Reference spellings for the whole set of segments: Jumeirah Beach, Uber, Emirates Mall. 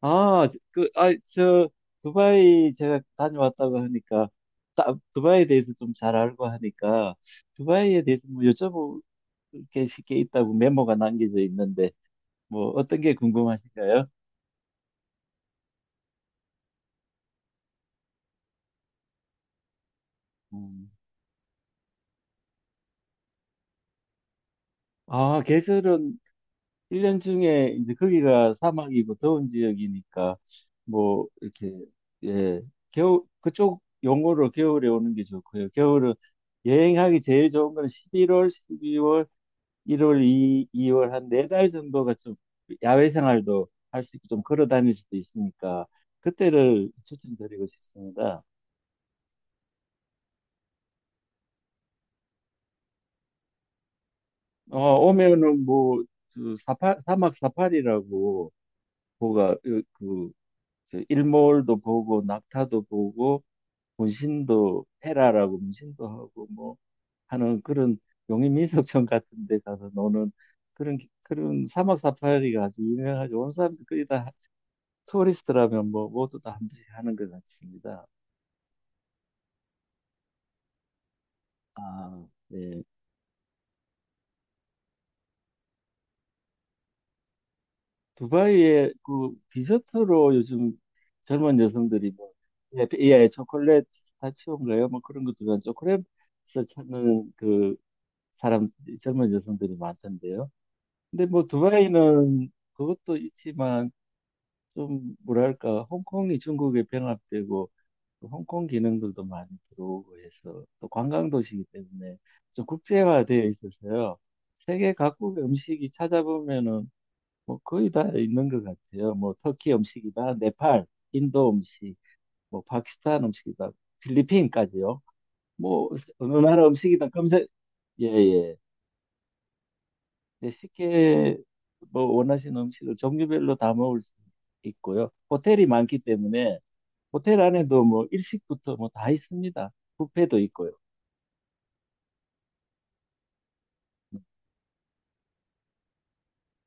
아, 그, 아, 저, 두바이 제가 다녀왔다고 하니까, 두바이에 대해서 좀 잘 알고 하니까, 두바이에 대해서 뭐 여쭤볼 게 쉽게 있다고 메모가 남겨져 있는데, 뭐 어떤 게 궁금하신가요? 음. 아, 계절은 일년 중에 이제 거기가 사막이고 더운 지역이니까, 뭐, 이렇게, 예, 겨 그쪽 용어로 겨울에 오는 게 좋고요. 겨울은 여행하기 제일 좋은 건 11월, 12월, 1월, 2, 월 한 네 달 정도가 좀 야외 생활도 할 수 있고 좀 걸어 다닐 수도 있으니까 그때를 추천드리고 싶습니다. 어, 오면은 뭐, 그 사막 사파리라고 뭐가 그저 일몰도 보고 낙타도 보고 문신도 테라라고 문신도 하고 뭐 하는 그런 용인민속촌 같은 데 가서 노는 그런 그런 사막 사파리가 아주 유명하죠. 온 사람들이 거의 다 토리스트라면 뭐 모두 다 한지 하는 것 같습니다. 아, 네. 두바이에 그 디저트로 요즘 젊은 여성들이 뭐 예, 예, 초콜릿 피스타치오인가요? 뭐 그런 것들은 초콜릿을 찾는 그 사람 젊은 여성들이 많던데요. 근데 뭐 두바이는 그것도 있지만 좀 뭐랄까 홍콩이 중국에 병합되고 또 홍콩 기능들도 많이 들어오고 해서 또 관광도시이기 때문에 좀 국제화되어 있어서요. 세계 각국의 음식이 찾아보면은 뭐 거의 다 있는 것 같아요. 뭐 터키 음식이다, 네팔, 인도 음식, 뭐 파키스탄 음식이다, 필리핀까지요. 뭐 어느 나라 음식이든 검색 예, 예. 네, 쉽게 뭐 원하시는 음식을 종류별로 다 먹을 수 있고요. 호텔이 많기 때문에 호텔 안에도 뭐 일식부터 뭐 다 있습니다. 뷔페도 있고요.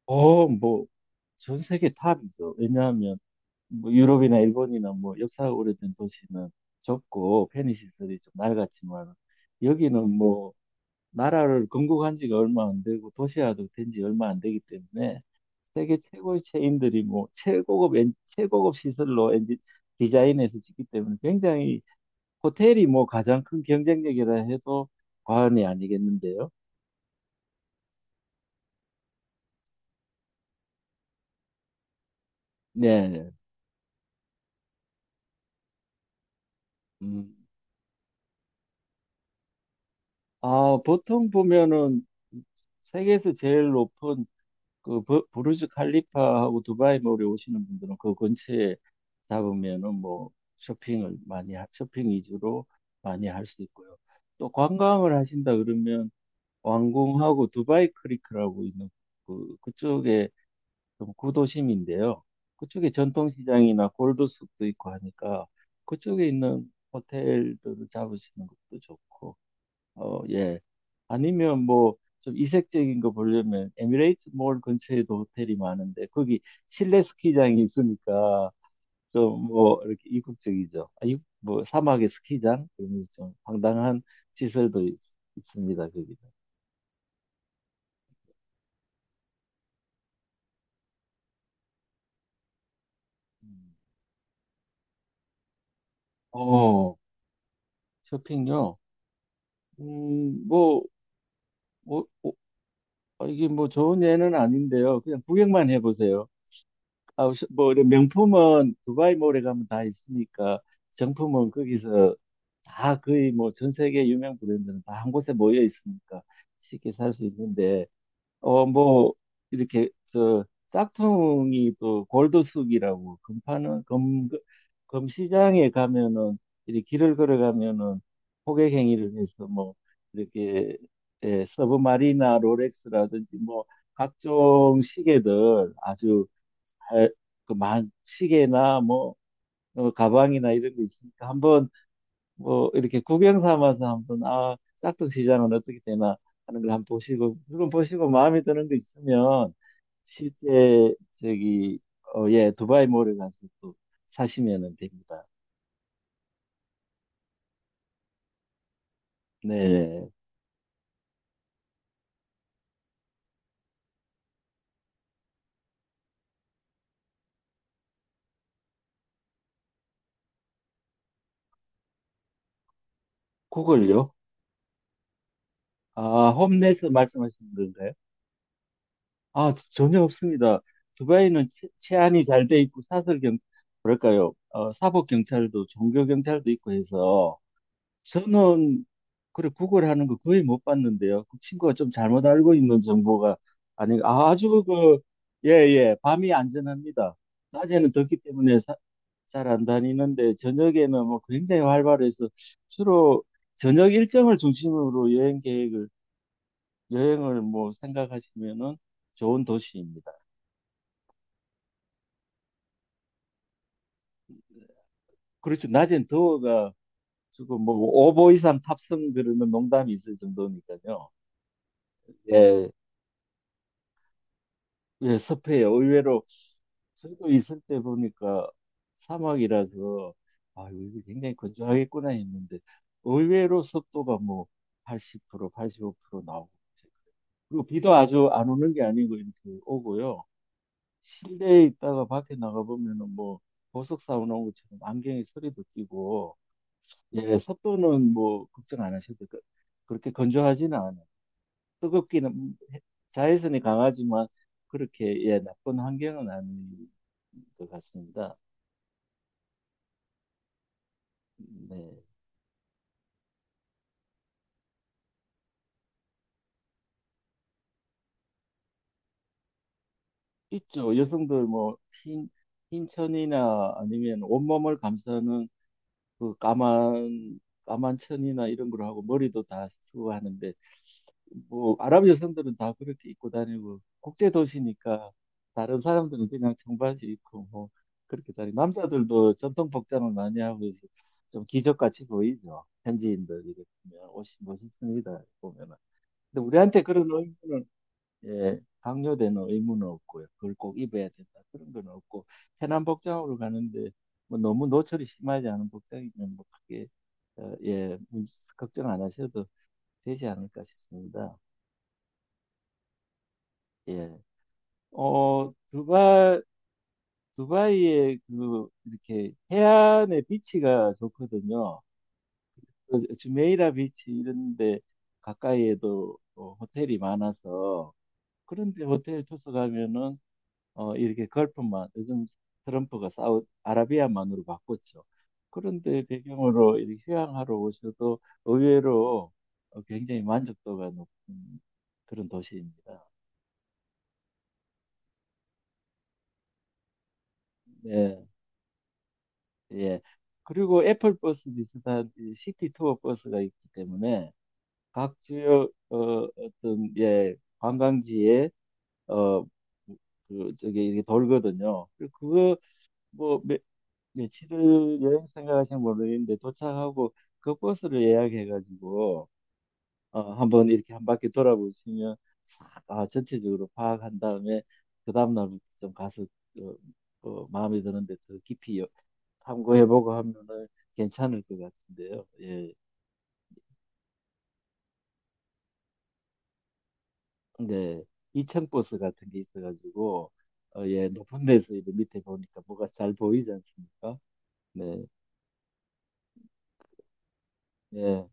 어, 뭐, 전 세계 탑이죠. 왜냐하면, 뭐, 유럽이나 일본이나 뭐, 역사가 오래된 도시는 좁고, 편의 시설이 좀 낡았지만, 여기는 뭐, 나라를 건국한 지가 얼마 안 되고, 도시화도 된지 얼마 안 되기 때문에, 세계 최고의 체인들이 뭐, 최고급, 엔, 최고급 시설로 엔지, 디자인해서 짓기 때문에, 굉장히, 호텔이 뭐, 가장 큰 경쟁력이라 해도 과언이 아니겠는데요. 네. 음. 아, 보통 보면은 세계에서 제일 높은 그 부르즈 칼리파하고 두바이 몰에 오시는 분들은 그 근처에 잡으면은 뭐 쇼핑 위주로 많이 할 수 있고요. 또 관광을 하신다 그러면 왕궁하고 두바이 크리크라고 있는 그 그쪽에 좀 구도심인데요. 그쪽에 전통시장이나 골드숲도 있고 하니까 그쪽에 있는 호텔들을 잡으시는 것도 좋고. 어, 예. 아니면 뭐 좀 이색적인 거 보려면 에미레이트 몰 근처에도 호텔이 많은데 거기 실내 스키장이 있으니까 좀 뭐 이렇게 이국적이죠. 뭐 사막의 스키장 그러면서 좀 황당한 시설도 있, 습니다 거기는. 음. 어, 쇼핑요. 음, 뭐, 뭐, 뭐, 아, 이게 뭐 좋은 예는 아닌데요. 그냥 구경만 해보세요. 뭐 이런 명품은 두바이 몰에 가면 다 있으니까 정품은 거기서 다 거의 뭐 전 세계 유명 브랜드는 다 한 곳에 모여 있으니까 쉽게 살 수 있는데 어, 뭐, 이렇게, 저, 짝퉁이 또 골드숙이라고, 금파는, 금, 금시장에 가면은, 이렇게 길을 걸어가면은, 호객행위를 해서 뭐, 이렇게, 예, 서브마리나 롤렉스라든지 뭐, 각종 시계들 아주 잘, 그, 만, 시계나 뭐, 어, 가방이나 이런 거 있으니까 한번 뭐 이렇게 구경 삼아서 한번 아 짝퉁 시장은 어떻게 되나 하는 걸 한번 보시고 물론 보시고 마음에 드는 거 있으면 실제 저기 어, 예 두바이 몰에 가서 또 사시면은 됩니다. 네 그걸요? 홈내에서 말씀하시는 건가요? 전혀 없습니다. 두바이는 치안이 잘 돼 있고 사설 경 뭐랄까요? 어, 사법 경찰도 종교 경찰도 있고 해서 저는 그래 구글하는 거 거의 못 봤는데요. 그 친구가 좀 잘못 알고 있는 정보가 아니 아, 아주 그 예예 밤이 안전합니다. 낮에는 덥기 때문에 잘 안 다니는데 저녁에는 뭐 굉장히 활발해서 주로 저녁 일정을 중심으로 여행 계획을 여행을 뭐 생각하시면은 좋은 도시입니다. 그렇죠. 낮엔 더워가 지금 뭐 5보 이상 탑승 그러면 농담이 있을 정도니까요. 예. 네, 섭해요. 의외로 저도 있을 때 보니까 사막이라서 아, 이거 굉장히 건조하겠구나 했는데 의외로 습도가 뭐 80% 85% 나오고 그리고 비도 아주 안 오는 게 아니고 이렇게 오고요. 실내에 있다가 밖에 나가 보면은 뭐 보석 사온 것처럼 안경에 서리도 끼고 예, 습도는 뭐 걱정 안 하셔도 그렇게 건조하지는 않아요. 뜨겁기는 자외선이 강하지만 그렇게 예 나쁜 환경은 아닌 것 같습니다. 네, 있죠. 여성들 뭐 흰, 흰천이나 아니면 온몸을 감싸는 그 까만 천이나 이런 걸 하고 머리도 다 쓰고 하는데 뭐 아랍 여성들은 다 그렇게 입고 다니고 국제 도시니까 다른 사람들은 그냥 청바지 입고 뭐 그렇게 다니. 남자들도 전통 복장을 많이 하고 해서 좀 기적같이 보이죠. 현지인들 이렇게 보면 옷이 멋있습니다. 보면은. 근데 우리한테 그런 의무는 예, 강요되는 의무는 없고요. 그걸 꼭 입어야 된다 그런 건 없고 편한 복장으로 가는데 뭐 너무 노출이 심하지 않은 복장이면 뭐 크게 어, 예, 문 걱정 안 하셔도 되지 않을까 싶습니다. 예. 어, 두바, 두바이의 그, 이렇게 해안의 비치가 좋거든요. 그 주메이라 비치 이런 데 가까이에도 어, 호텔이 많아서 그런데 호텔 투숙 가면은 어, 이렇게 걸프만, 요즘 트럼프가 아라비아만으로 바꿨죠. 그런데 배경으로 이렇게 휴양하러 오셔도 의외로 어, 굉장히 만족도가 높은 그런 도시입니다. 네. 예. 그리고 애플 버스 비슷한 이 시티 투어 버스가 있기 때문에 각 주요 어, 어떤 예 관광지에 어그 저기 이게 돌거든요. 그거 뭐 며칠을 여행 생각하시면 모르겠는데 도착하고 그 버스를 예약해가지고 어, 한번 이렇게 한 바퀴 돌아보시면 싹, 아, 전체적으로 파악한 다음에 그 다음 날부터 좀 가서 어, 마음에 드는데 더 깊이 탐구해보고 하면은 괜찮을 것 같은데요. 예, 근데 이층 버스 같은 게 있어가지고 어, 예, 높은 데서 이제 밑에 보니까 뭐가 잘 보이지 않습니까? 네, 예,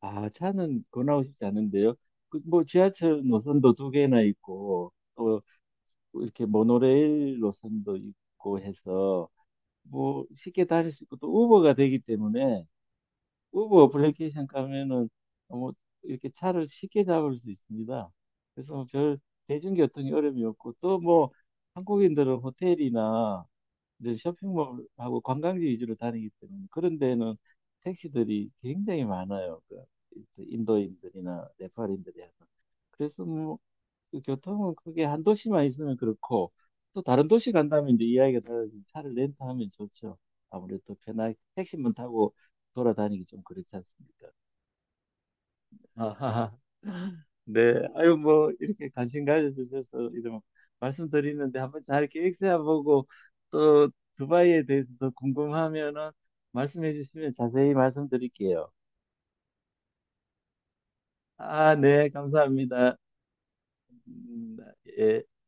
아, 차는 권하고 싶지 않은데요. 그, 뭐 지하철 노선도 두 개나 있고 또 이렇게 모노레일 노선도 있고 해서. 뭐 쉽게 다닐 수 있고 또 우버가 되기 때문에 우버 어플리케이션 가면은 뭐 이렇게 차를 쉽게 잡을 수 있습니다. 그래서 뭐별 대중교통이 어려움이 없고 또 뭐 한국인들은 호텔이나 이제 쇼핑몰하고 관광지 위주로 다니기 때문에 그런 데는 택시들이 굉장히 많아요. 그 인도인들이나 네팔인들이 하는. 그래서 뭐 그 교통은 크게 한 도시만 있으면 그렇고 또 다른 도시 간다면 이제 이야기가 달라지면 차를 렌트하면 좋죠. 아무래도 편하게 택시만 타고 돌아다니기 좀 그렇지 않습니까? 아하. 네, 아유 뭐 이렇게 관심 가져주셔서 이런 말씀드리는데 한번 잘 계획 세워보고 또 두바이에 대해서 더 궁금하면은 말씀해 주시면 자세히 말씀드릴게요. 아, 네, 감사합니다. 음, 예.